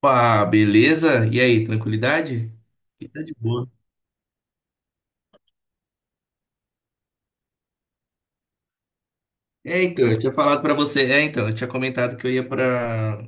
Opa, beleza? E aí, tranquilidade? Aqui, tá de boa. É, então, eu tinha falado pra você. É, então, eu tinha comentado que eu ia pra,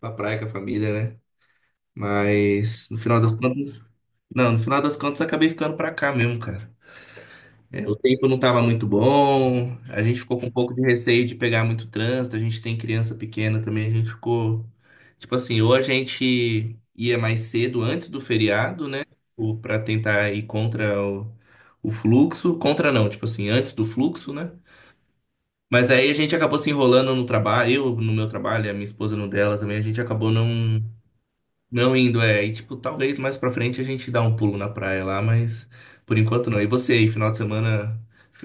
pra praia com a família, né? Mas no final das contas. Não, no final das contas eu acabei ficando pra cá mesmo, cara. É, o tempo não estava muito bom, a gente ficou com um pouco de receio de pegar muito trânsito, a gente tem criança pequena também, a gente ficou. Tipo assim, ou a gente ia mais cedo antes do feriado, né? Para tentar ir contra o fluxo. Contra não, tipo assim, antes do fluxo, né? Mas aí a gente acabou se enrolando no trabalho, eu no meu trabalho, e a minha esposa no dela também, a gente acabou não. Não indo, é. E, tipo, talvez mais pra frente a gente dá um pulo na praia lá, mas por enquanto não. E você aí, final de semana,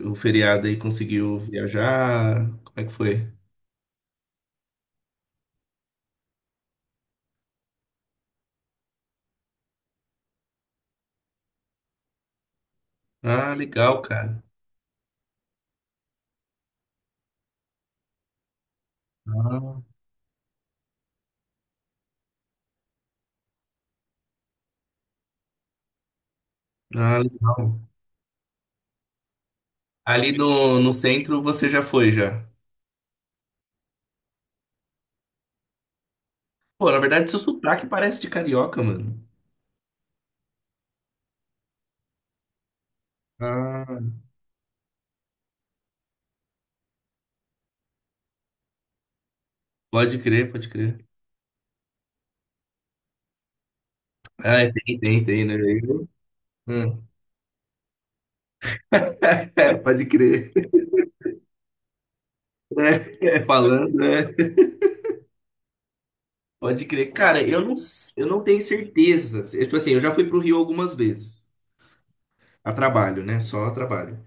o feriado aí, conseguiu viajar? Como é que foi? Ah, legal, cara. Ah, ah, legal. Ali no centro você já foi, já. Pô, na verdade, seu sotaque parece de carioca, mano. Ah, pode crer, pode crer. Ah, é, tem, tem, tem, né? Eu- Hum. É, pode crer. É, falando, né? Pode crer. Cara, eu não, eu, não tenho certeza. Eu, tipo assim, eu já fui pro Rio algumas vezes. A trabalho, né? Só a trabalho.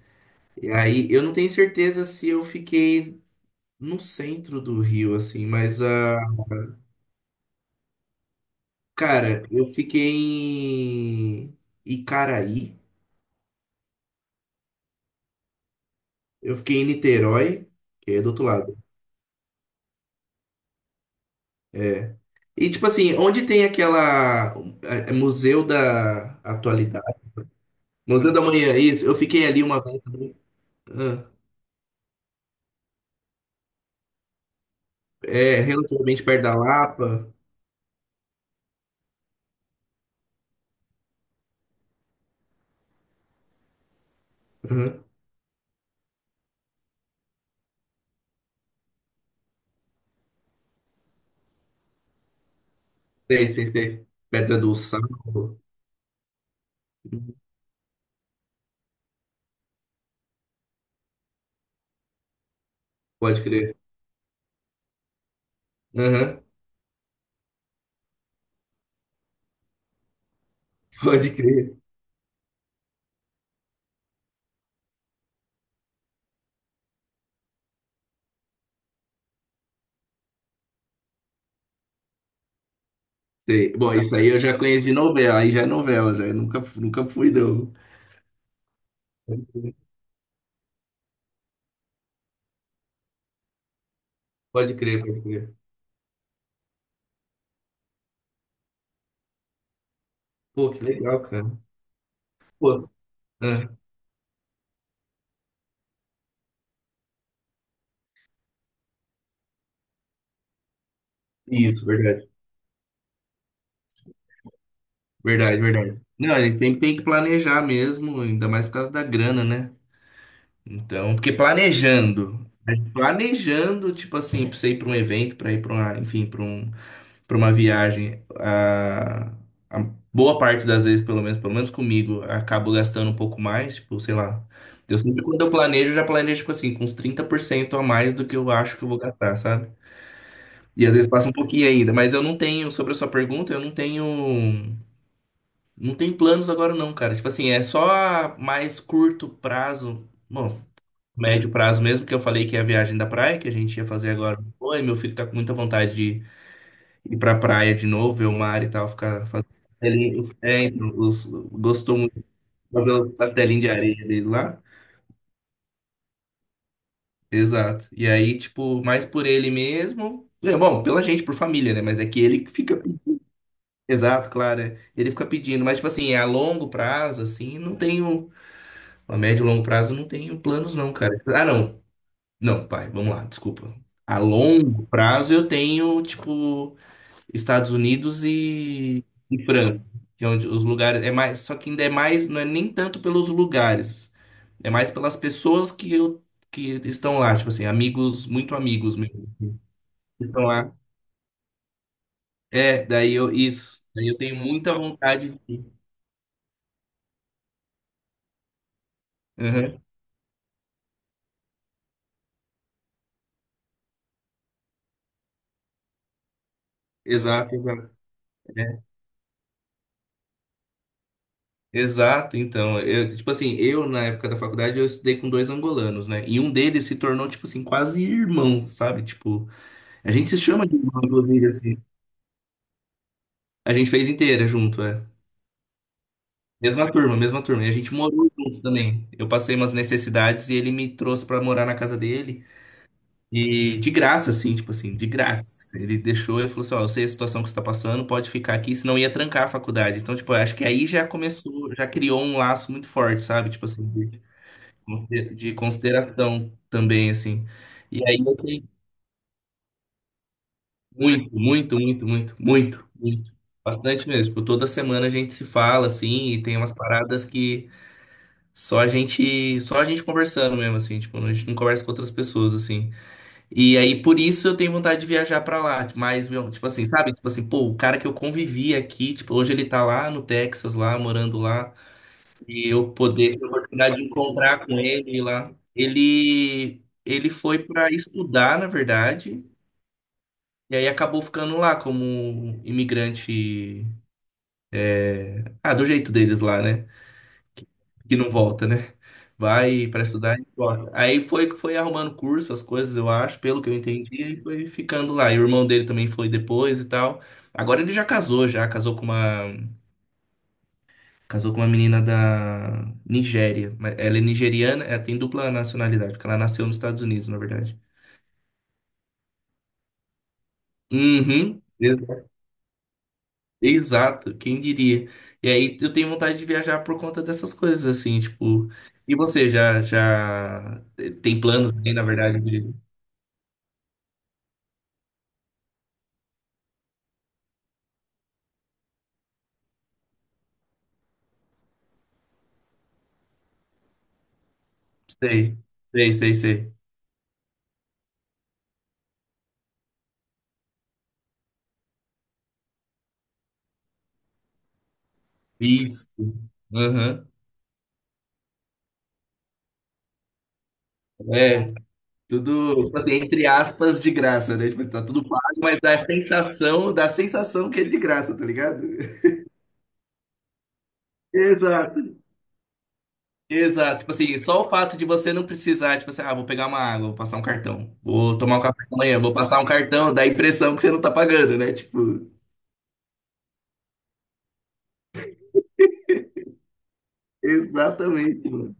E aí, eu não tenho certeza se eu fiquei no centro do Rio, assim, mas, ah, cara, eu fiquei em Icaraí. Eu fiquei em Niterói, que é do outro lado. É. E, tipo assim, onde tem aquela. é Museu da Atualidade. Museu da Manhã, isso. Eu fiquei ali uma vez também. Ah, é, relativamente perto da Lapa. Uhum. Sei, sei, sei. Pedra do Sal. Pode crer. Aham, pode crer. Sei. Bom, isso aí eu já conheço de novela, aí já é novela, já. Eu nunca, nunca fui, não. Pode crer, pode crer. Pô, que legal, cara. Pô, ah, isso, verdade. Verdade, verdade. Não, a gente sempre tem que planejar mesmo, ainda mais por causa da grana, né? Então, porque planejando, tipo assim, pra você ir pra um evento, pra ir pra uma, enfim, pra um. Para uma viagem, a boa parte das vezes, pelo menos comigo, acabo gastando um pouco mais, tipo, sei lá. Eu sempre, quando eu planejo, eu já planejo, tipo assim, com uns 30% a mais do que eu acho que eu vou gastar, sabe? E às vezes passa um pouquinho ainda, mas eu não tenho, sobre a sua pergunta, eu não tenho planos agora não, cara. Tipo assim, é só a mais curto prazo, bom, médio prazo mesmo, que eu falei que é a viagem da praia, que a gente ia fazer agora. Oi, meu filho tá com muita vontade de ir pra praia de novo, ver o mar e tal, ficar fazendo os castelinhos. É, então, gostou muito de fazer os castelinhos de areia dele lá. Exato. E aí, tipo, mais por ele mesmo. É, bom, pela gente, por família, né? Mas é que ele que fica. Exato, claro. É. Ele fica pedindo. Mas, tipo assim, é a longo prazo, assim, não tenho. A médio e longo prazo, não tenho planos, não, cara. Ah, não. Não, pai, vamos lá, desculpa. A longo prazo, eu tenho, tipo. Estados Unidos e França, que é onde os lugares é mais, só que ainda é mais, não é nem tanto pelos lugares, é mais pelas pessoas que estão lá, tipo assim, amigos, muito amigos meus que estão lá. É, daí eu tenho muita vontade de ir. Uhum. Exato, exato. É, exato, então, eu, tipo assim, eu na época da faculdade eu estudei com dois angolanos, né? E um deles se tornou, tipo assim, quase irmão, sabe? Tipo, a gente se chama de irmão, inclusive, assim. A gente fez inteira junto, é. Mesma turma, mesma turma. E a gente morou junto também. Eu passei umas necessidades e ele me trouxe pra morar na casa dele. E de graça, assim, tipo assim, de grátis. Ele deixou, ele falou assim, ó, eu sei a situação que você tá passando, pode ficar aqui, senão ia trancar a faculdade. Então, tipo, eu acho que aí já começou, já criou um laço muito forte, sabe? Tipo assim, de consideração também, assim. E aí eu tenho muito, muito, muito, muito, muito, muito. Bastante mesmo. Tipo, toda semana a gente se fala, assim, e tem umas paradas que só a gente, só a gente conversando mesmo, assim, tipo, a gente não conversa com outras pessoas, assim. E aí, por isso, eu tenho vontade de viajar pra lá, mas, meu, tipo assim, sabe? Tipo assim, pô, o cara que eu convivi aqui, tipo, hoje ele tá lá no Texas, lá, morando lá, e eu poder ter a oportunidade de encontrar com ele lá. Ele foi pra estudar, na verdade, e aí acabou ficando lá como imigrante, ah, do jeito deles lá, né? Que não volta, né? Vai para estudar e volta. Aí foi arrumando curso, as coisas, eu acho, pelo que eu entendi, e foi ficando lá. E o irmão dele também foi depois e tal. Agora ele já casou com uma menina da Nigéria, mas ela é nigeriana, ela tem dupla nacionalidade, porque ela nasceu nos Estados Unidos, na verdade. Uhum. Exato, quem diria? E aí eu tenho vontade de viajar por conta dessas coisas assim, tipo, e você já já tem planos aí, na verdade, de... Sei, sei, sei, sei. Isso. Aham. É, tudo, tipo assim, entre aspas, de graça, né? Tipo, tá tudo pago, mas dá a sensação que é de graça, tá ligado? Exato. Exato. Tipo assim, só o fato de você não precisar, tipo assim, ah, vou pegar uma água, vou passar um cartão, vou tomar um café da manhã, vou passar um cartão, dá a impressão que você não tá pagando, né? Tipo, exatamente, mano.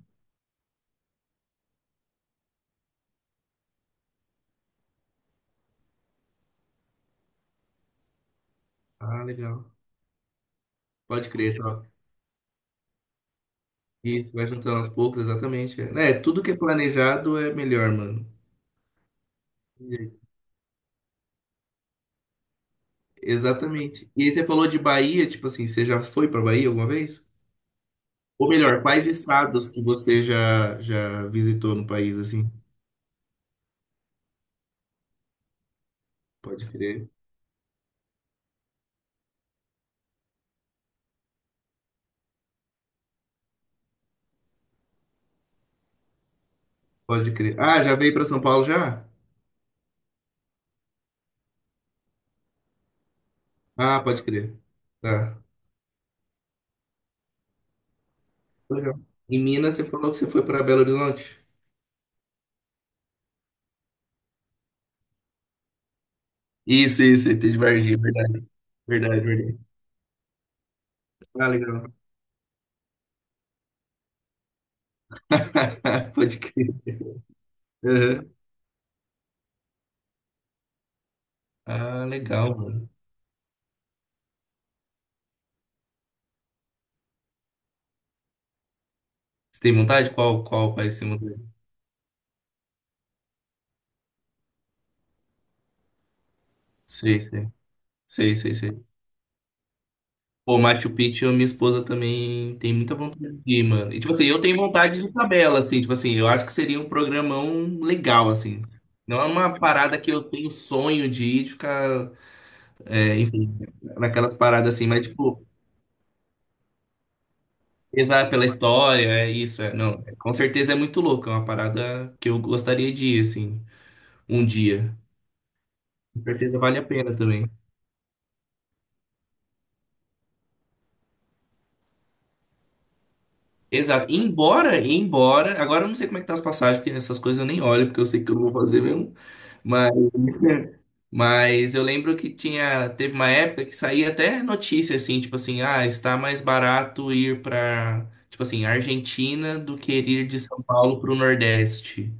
Ah, legal. Pode crer, tá. Isso, vai juntando aos poucos, exatamente. É, tudo que é planejado é melhor, mano. Exatamente. E aí você falou de Bahia, tipo assim, você já foi pra Bahia alguma vez? Ou melhor, quais estados que você já já visitou no país assim? Pode crer. Pode crer. Ah, já veio pra São Paulo já? Ah, pode crer. Tá. Legal. Em Minas você falou que você foi pra Belo Horizonte? Isso, tem de Varginha, verdade, verdade, verdade. Ah, legal. Pode crer. Aham. Ah, legal, mano. Você tem vontade? Qual qual país você tem vontade? Sei, sei. Sei, sei, sei. Pô, Machu Picchu, minha esposa também tem muita vontade de ir, mano. E, tipo assim, eu tenho vontade de tabela, assim, tipo assim, eu acho que seria um programão legal, assim. Não é uma parada que eu tenho sonho de ir, de ficar, é, enfim, naquelas paradas assim, mas, tipo, pesar pela história, é isso, é, não. Com certeza é muito louco, é uma parada que eu gostaria de ir, assim, um dia. Com certeza vale a pena também. Exato. Embora, embora, agora eu não sei como é que tá as passagens, porque nessas coisas eu nem olho, porque eu sei que eu não vou fazer mesmo. Mas, mas eu lembro que tinha, teve uma época que saía até notícia assim, tipo assim, ah, está mais barato ir para, tipo assim, Argentina do que ir de São Paulo para o Nordeste.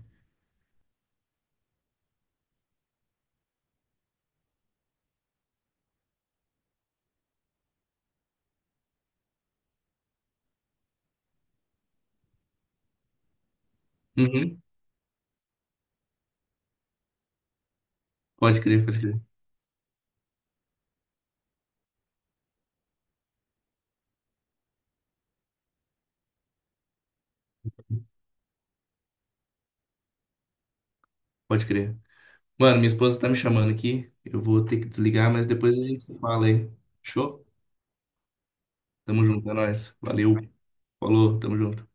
Uhum. Pode crer, pode crer, pode crer. Mano, minha esposa tá me chamando aqui. Eu vou ter que desligar, mas depois a gente se fala aí. Show? Tamo junto, é nóis. Valeu. Falou, tamo junto.